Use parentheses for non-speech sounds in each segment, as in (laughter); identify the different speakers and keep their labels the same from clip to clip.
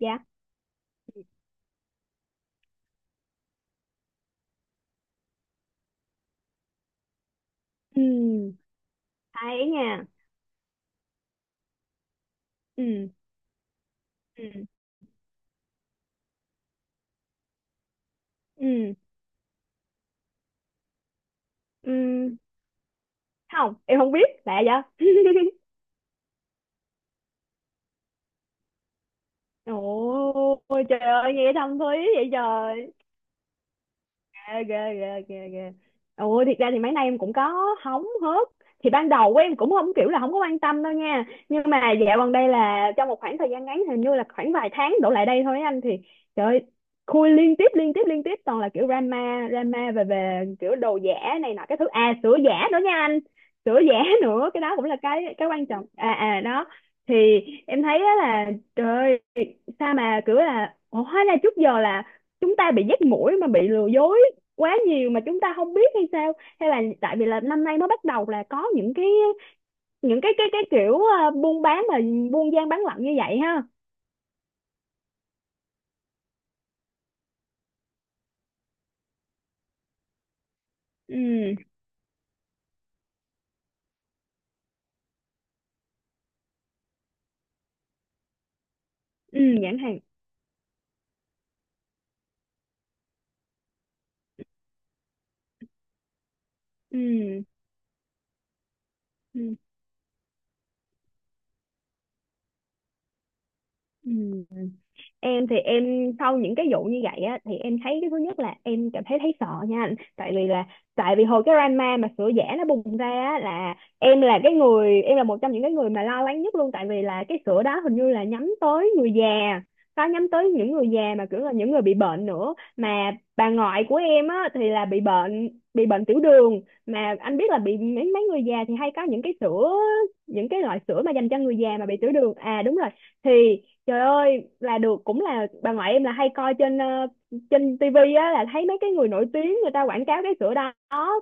Speaker 1: Dạ. Ừ, hay ấy nha. Ừ, ừ, ừ, ừ, không em không biết, lạ vậy. Ôi trời ơi, nghe thâm thúy vậy trời. Ghê, ghê, ghê, ghê, ghê. Ôi, thiệt ra thì mấy nay em cũng có hóng hớt. Thì ban đầu của em cũng không, kiểu là không có quan tâm đâu nha, nhưng mà dạo gần đây là trong một khoảng thời gian ngắn, hình như là khoảng vài tháng đổ lại đây thôi á, anh thì trời ơi, khui liên tiếp liên tiếp liên tiếp toàn là kiểu drama drama về về kiểu đồ giả này nọ, cái thứ à sữa giả nữa nha anh, sữa giả (laughs) nữa, cái đó cũng là cái quan trọng à đó. Thì em thấy á là trời ơi, sao mà kiểu là ủa, hóa ra trước giờ là chúng ta bị dắt mũi mà bị lừa dối quá nhiều mà chúng ta không biết hay sao, hay là tại vì là năm nay mới bắt đầu là có những cái kiểu buôn bán mà buôn gian bán lận như vậy ha. Ừ, ừ, nhãn hàng. Ừ, ừ, ừ. Em thì em sau những cái vụ như vậy á thì em thấy cái thứ nhất là em cảm thấy thấy sợ nha anh. Tại vì hồi cái drama mà sữa giả nó bùng ra á, là em là cái người em là một trong những cái người mà lo lắng nhất luôn, tại vì là cái sữa đó hình như là nhắm tới người già. Có nhắm tới những người già mà kiểu là những người bị bệnh nữa, mà bà ngoại của em á thì là bị bệnh tiểu đường. Mà anh biết là bị mấy mấy người già thì hay có những cái loại sữa mà dành cho người già mà bị tiểu đường, à đúng rồi. Thì trời ơi là được, cũng là bà ngoại em là hay coi trên tivi á, là thấy mấy cái người nổi tiếng người ta quảng cáo cái sữa đó.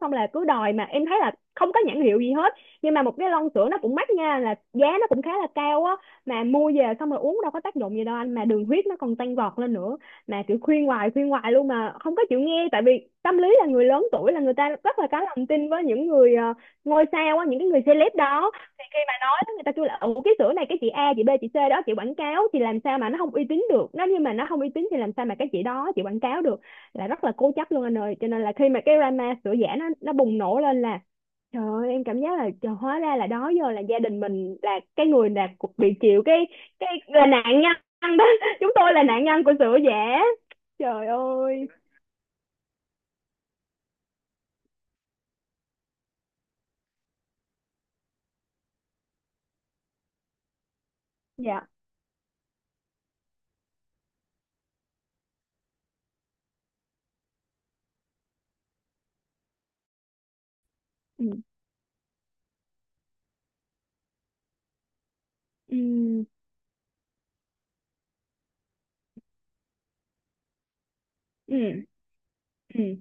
Speaker 1: Xong là cứ đòi, mà em thấy là không có nhãn hiệu gì hết. Nhưng mà một cái lon sữa nó cũng mắc nha, là giá nó cũng khá là cao á, mà mua về xong rồi uống đâu có tác dụng gì đâu anh, mà đường huyết nó còn tăng vọt lên nữa. Mà kiểu khuyên hoài luôn mà không có chịu nghe, tại vì tâm lý là người lớn tuổi là người ta rất là có lòng tin với những người ngôi sao á, những cái người celeb đó. Đó người ta kêu là ừ, cái sữa này cái chị A, chị B, chị C đó chị quảng cáo thì làm sao mà nó không uy tín được nó, nhưng mà nó không uy tín thì làm sao mà cái chị đó chị quảng cáo được. Là rất là cố chấp luôn anh ơi, cho nên là khi mà cái drama sữa giả nó bùng nổ lên là trời ơi, em cảm giác là trời, hóa ra là đó giờ là gia đình mình là cái người là bị chịu cái là nạn nhân đó. (laughs) Chúng tôi là nạn nhân của sữa giả. Trời ơi. Dạ. Ừ, ừ, ừ, ừ,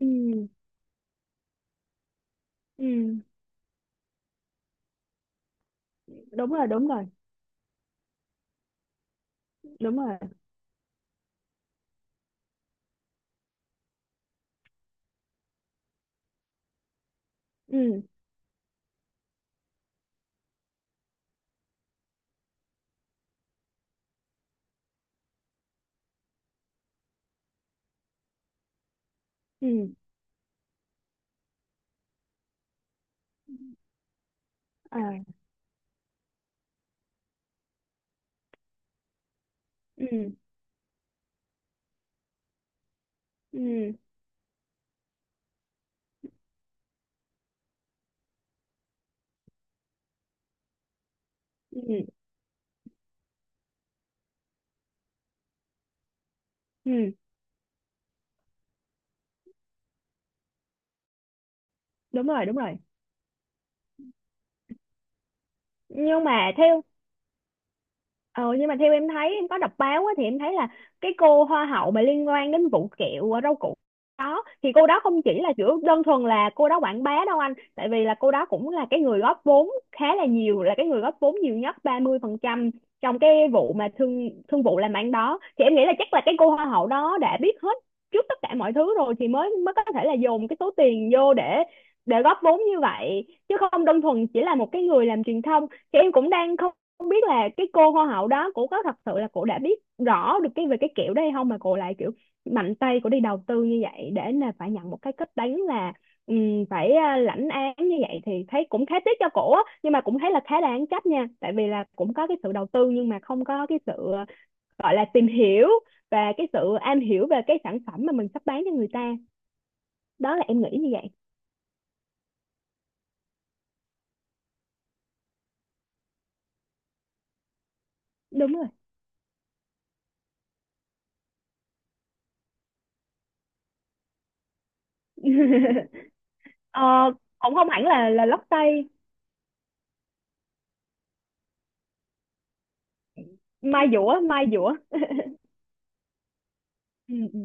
Speaker 1: ừ, ừ. Đúng rồi, đúng rồi, đúng rồi. Ừ, ừ, à, ừ, ừ, ừ, ừ. Đúng rồi, đúng rồi. Nhưng mà theo Ờ nhưng mà theo em thấy em có đọc báo á, thì em thấy là cái cô hoa hậu mà liên quan đến vụ kẹo rau củ đó thì cô đó không chỉ là kiểu đơn thuần là cô đó quảng bá đâu anh, tại vì là cô đó cũng là cái người góp vốn khá là nhiều, là cái người góp vốn nhiều nhất 30% trong cái vụ mà thương thương vụ làm ăn đó thì em nghĩ là chắc là cái cô hoa hậu đó đã biết hết trước tất cả mọi thứ rồi, thì mới mới có thể là dồn cái số tiền vô để góp vốn như vậy chứ không đơn thuần chỉ là một cái người làm truyền thông. Thì em cũng đang không không biết là cái cô hoa hậu đó cổ có thật sự là cổ đã biết rõ được cái về cái kiểu đó hay không, mà cổ lại kiểu mạnh tay cổ đi đầu tư như vậy để là phải nhận một cái kết đánh là phải lãnh án như vậy thì thấy cũng khá tiếc cho cổ á, nhưng mà cũng thấy là khá đáng trách nha tại vì là cũng có cái sự đầu tư nhưng mà không có cái sự gọi là tìm hiểu và cái sự am hiểu về cái sản phẩm mà mình sắp bán cho người ta. Đó là em nghĩ như vậy. Đúng rồi. ờ, Cũng không hẳn là lót tay. Mai dũa, mai dũa. Ừ, ừ,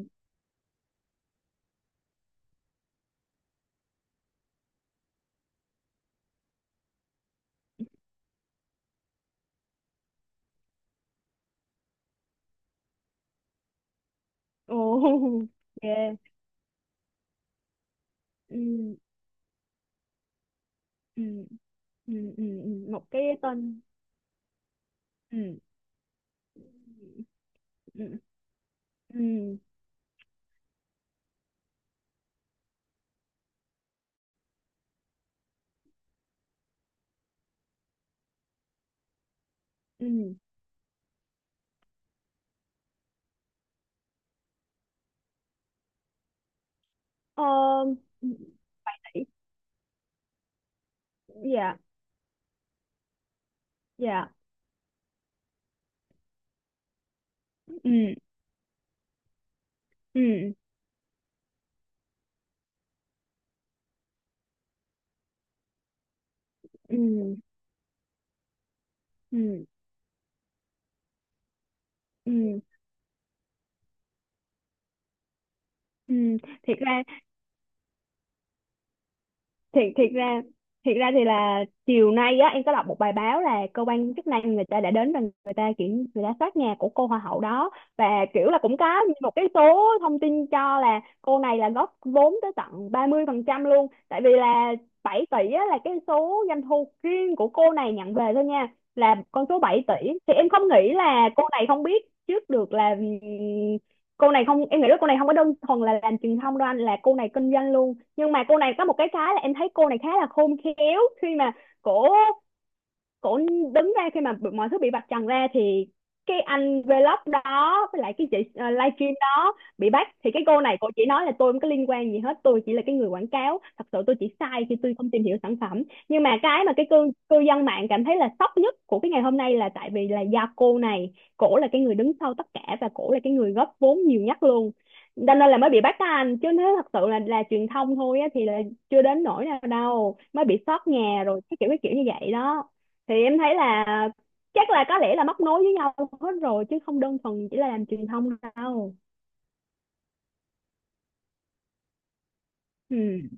Speaker 1: ồ. (laughs) Yeah. Ừ, ừ, ừ, ừ, ừ, một cái tên. Ừ, ừ, ừ, ừ. Ừ. Ờ, ừ, dạ, dạ, ừ, ừ, ừ, ừ, ừ. Ừ. Thiệt ra thiệt thiệt ra thiệt ra thì là chiều nay á em có đọc một bài báo là cơ quan chức năng người ta đã đến và người ta soát nhà của cô hoa hậu đó. Và kiểu là cũng có một cái số thông tin cho là cô này là góp vốn tới tận 30% luôn, tại vì là 7 tỷ á, là cái số doanh thu riêng của cô này nhận về thôi nha, là con số 7 tỷ. Thì em không nghĩ là cô này không biết trước được là cô này không em nghĩ là cô này không có đơn thuần là làm truyền thông đâu anh, là cô này kinh doanh luôn. Nhưng mà cô này có một cái là em thấy cô này khá là khôn khéo khi mà cổ cổ đứng ra khi mà mọi thứ bị vạch trần ra thì cái anh vlog đó với lại cái chị livestream đó bị bắt thì cái cô này cô chỉ nói là tôi không có liên quan gì hết, tôi chỉ là cái người quảng cáo, thật sự tôi chỉ sai khi tôi không tìm hiểu sản phẩm. Nhưng mà cái cư cư dân mạng cảm thấy là sốc nhất của cái ngày hôm nay là tại vì là do cô này cổ là cái người đứng sau tất cả và cổ là cái người góp vốn nhiều nhất luôn, cho nên là mới bị bắt á anh, chứ nếu thật sự là truyền thông thôi á thì là chưa đến nỗi nào đâu, mới bị sót nhà rồi cái kiểu như vậy đó. Thì em thấy là chắc là có lẽ là móc nối với nhau hết rồi chứ không đơn thuần chỉ là làm truyền thông đâu. Ừ.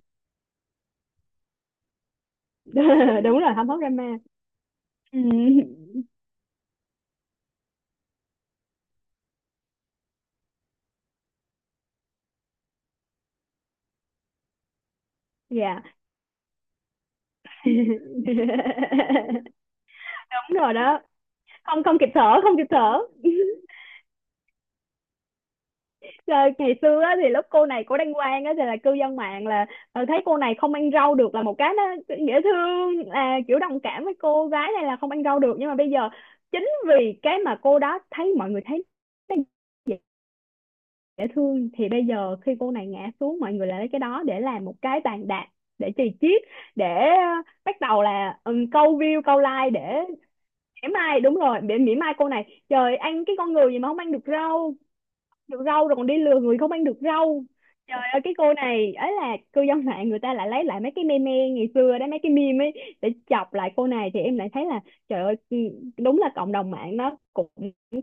Speaker 1: (laughs) Đúng rồi, không hóc drama. Ừ. Dạ. (laughs) Đúng rồi đó. Không không kịp thở, không kịp thở. (laughs) Rồi ngày xưa á, thì lúc cô này cô đăng quang á, thì là cư dân mạng là thấy cô này không ăn rau được là một cái nó dễ thương, là kiểu đồng cảm với cô gái này là không ăn rau được. Nhưng mà bây giờ chính vì cái mà cô đó thấy mọi người thấy nó dễ thương thì bây giờ khi cô này ngã xuống mọi người lại lấy cái đó để làm một cái bàn đạp để chì chiết, để bắt đầu là câu view câu like để mỉa mai, đúng rồi để mỉa mai cô này, trời ăn cái con người gì mà không ăn được rau, được rau rồi còn đi lừa người không ăn được rau. Trời ơi, cái cô này ấy, là cư dân mạng người ta lại lấy lại mấy cái meme ngày xưa đó, mấy cái meme ấy để chọc lại cô này, thì em lại thấy là trời ơi, ừ, đúng là cộng đồng mạng nó cũng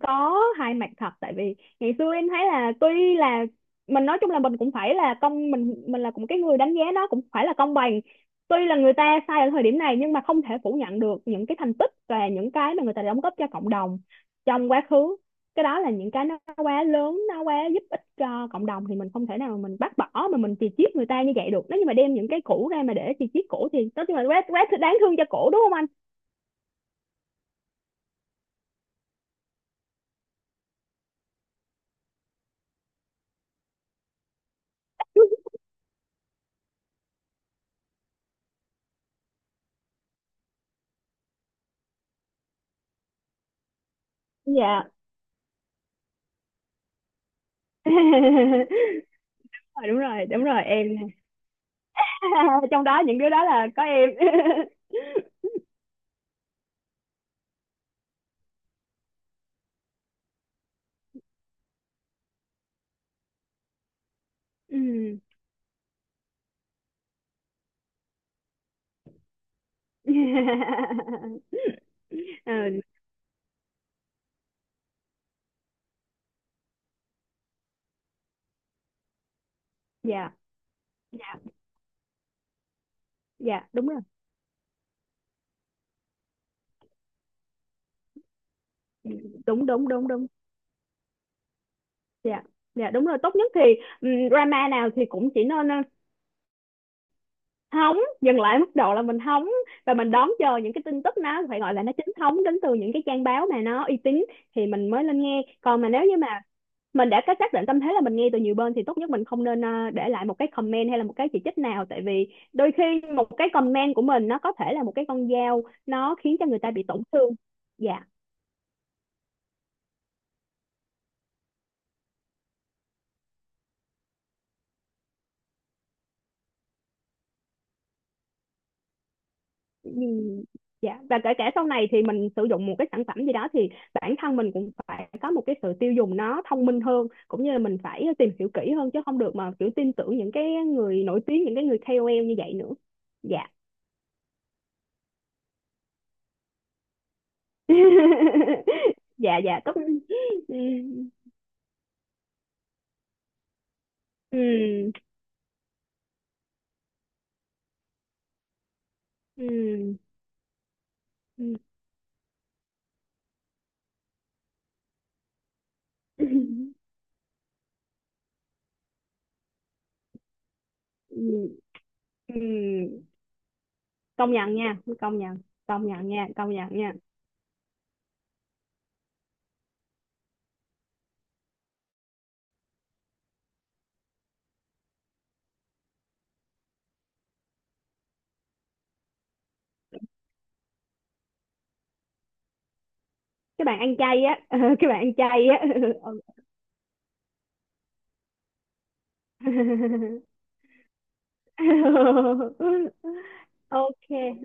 Speaker 1: có hai mặt thật. Tại vì ngày xưa em thấy là tuy là mình, nói chung là mình cũng phải là công mình là cũng cái người đánh giá, nó cũng phải là công bằng. Tuy là người ta sai ở thời điểm này nhưng mà không thể phủ nhận được những cái thành tích và những cái mà người ta đã đóng góp cho cộng đồng trong quá khứ, cái đó là những cái nó quá lớn nó quá giúp ích cho cộng đồng, thì mình không thể nào mình bác bỏ mà mình chì chiết người ta như vậy được. Nếu như mà đem những cái cũ ra mà để chì chiết cũ thì tất nhiên là quá quá đáng thương cho cũ đúng không anh. Dạ. (laughs) Ờ, đúng rồi em. (laughs) Trong đó những đứa đó là có em. (laughs) Ừ. (laughs) Ừ, dạ, dạ, dạ, đúng rồi. Ừ, đúng đúng đúng đúng. Dạ, dạ, đúng rồi. Tốt nhất thì ừ, drama nào thì cũng chỉ nên hóng dừng lại mức độ là mình hóng, và mình đón chờ những cái tin tức nó phải gọi là nó chính thống đến từ những cái trang báo mà nó uy tín thì mình mới lên nghe. Còn mà nếu như mà mình đã có xác định tâm thế là mình nghe từ nhiều bên thì tốt nhất mình không nên để lại một cái comment hay là một cái chỉ trích nào, tại vì đôi khi một cái comment của mình nó có thể là một cái con dao nó khiến cho người ta bị tổn thương. Dạ. Ừ. Dạ, và kể cả sau này thì mình sử dụng một cái sản phẩm gì đó thì bản thân mình cũng phải có một cái sự tiêu dùng nó thông minh hơn, cũng như là mình phải tìm hiểu kỹ hơn chứ không được mà kiểu tin tưởng những cái người nổi tiếng, những cái người KOL như vậy nữa. Dạ. (laughs) Dạ, dạ, tốt. Ừ, ừ, ừ, ừ, ừ, ừ. Công nhận nha, công nhận. Công nhận nha, công nhận nha. Các bạn ăn chay á. (laughs) Các bạn ăn chay á. (laughs) (laughs) Ok.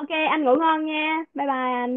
Speaker 1: Ok anh ngủ ngon nha. Bye bye anh.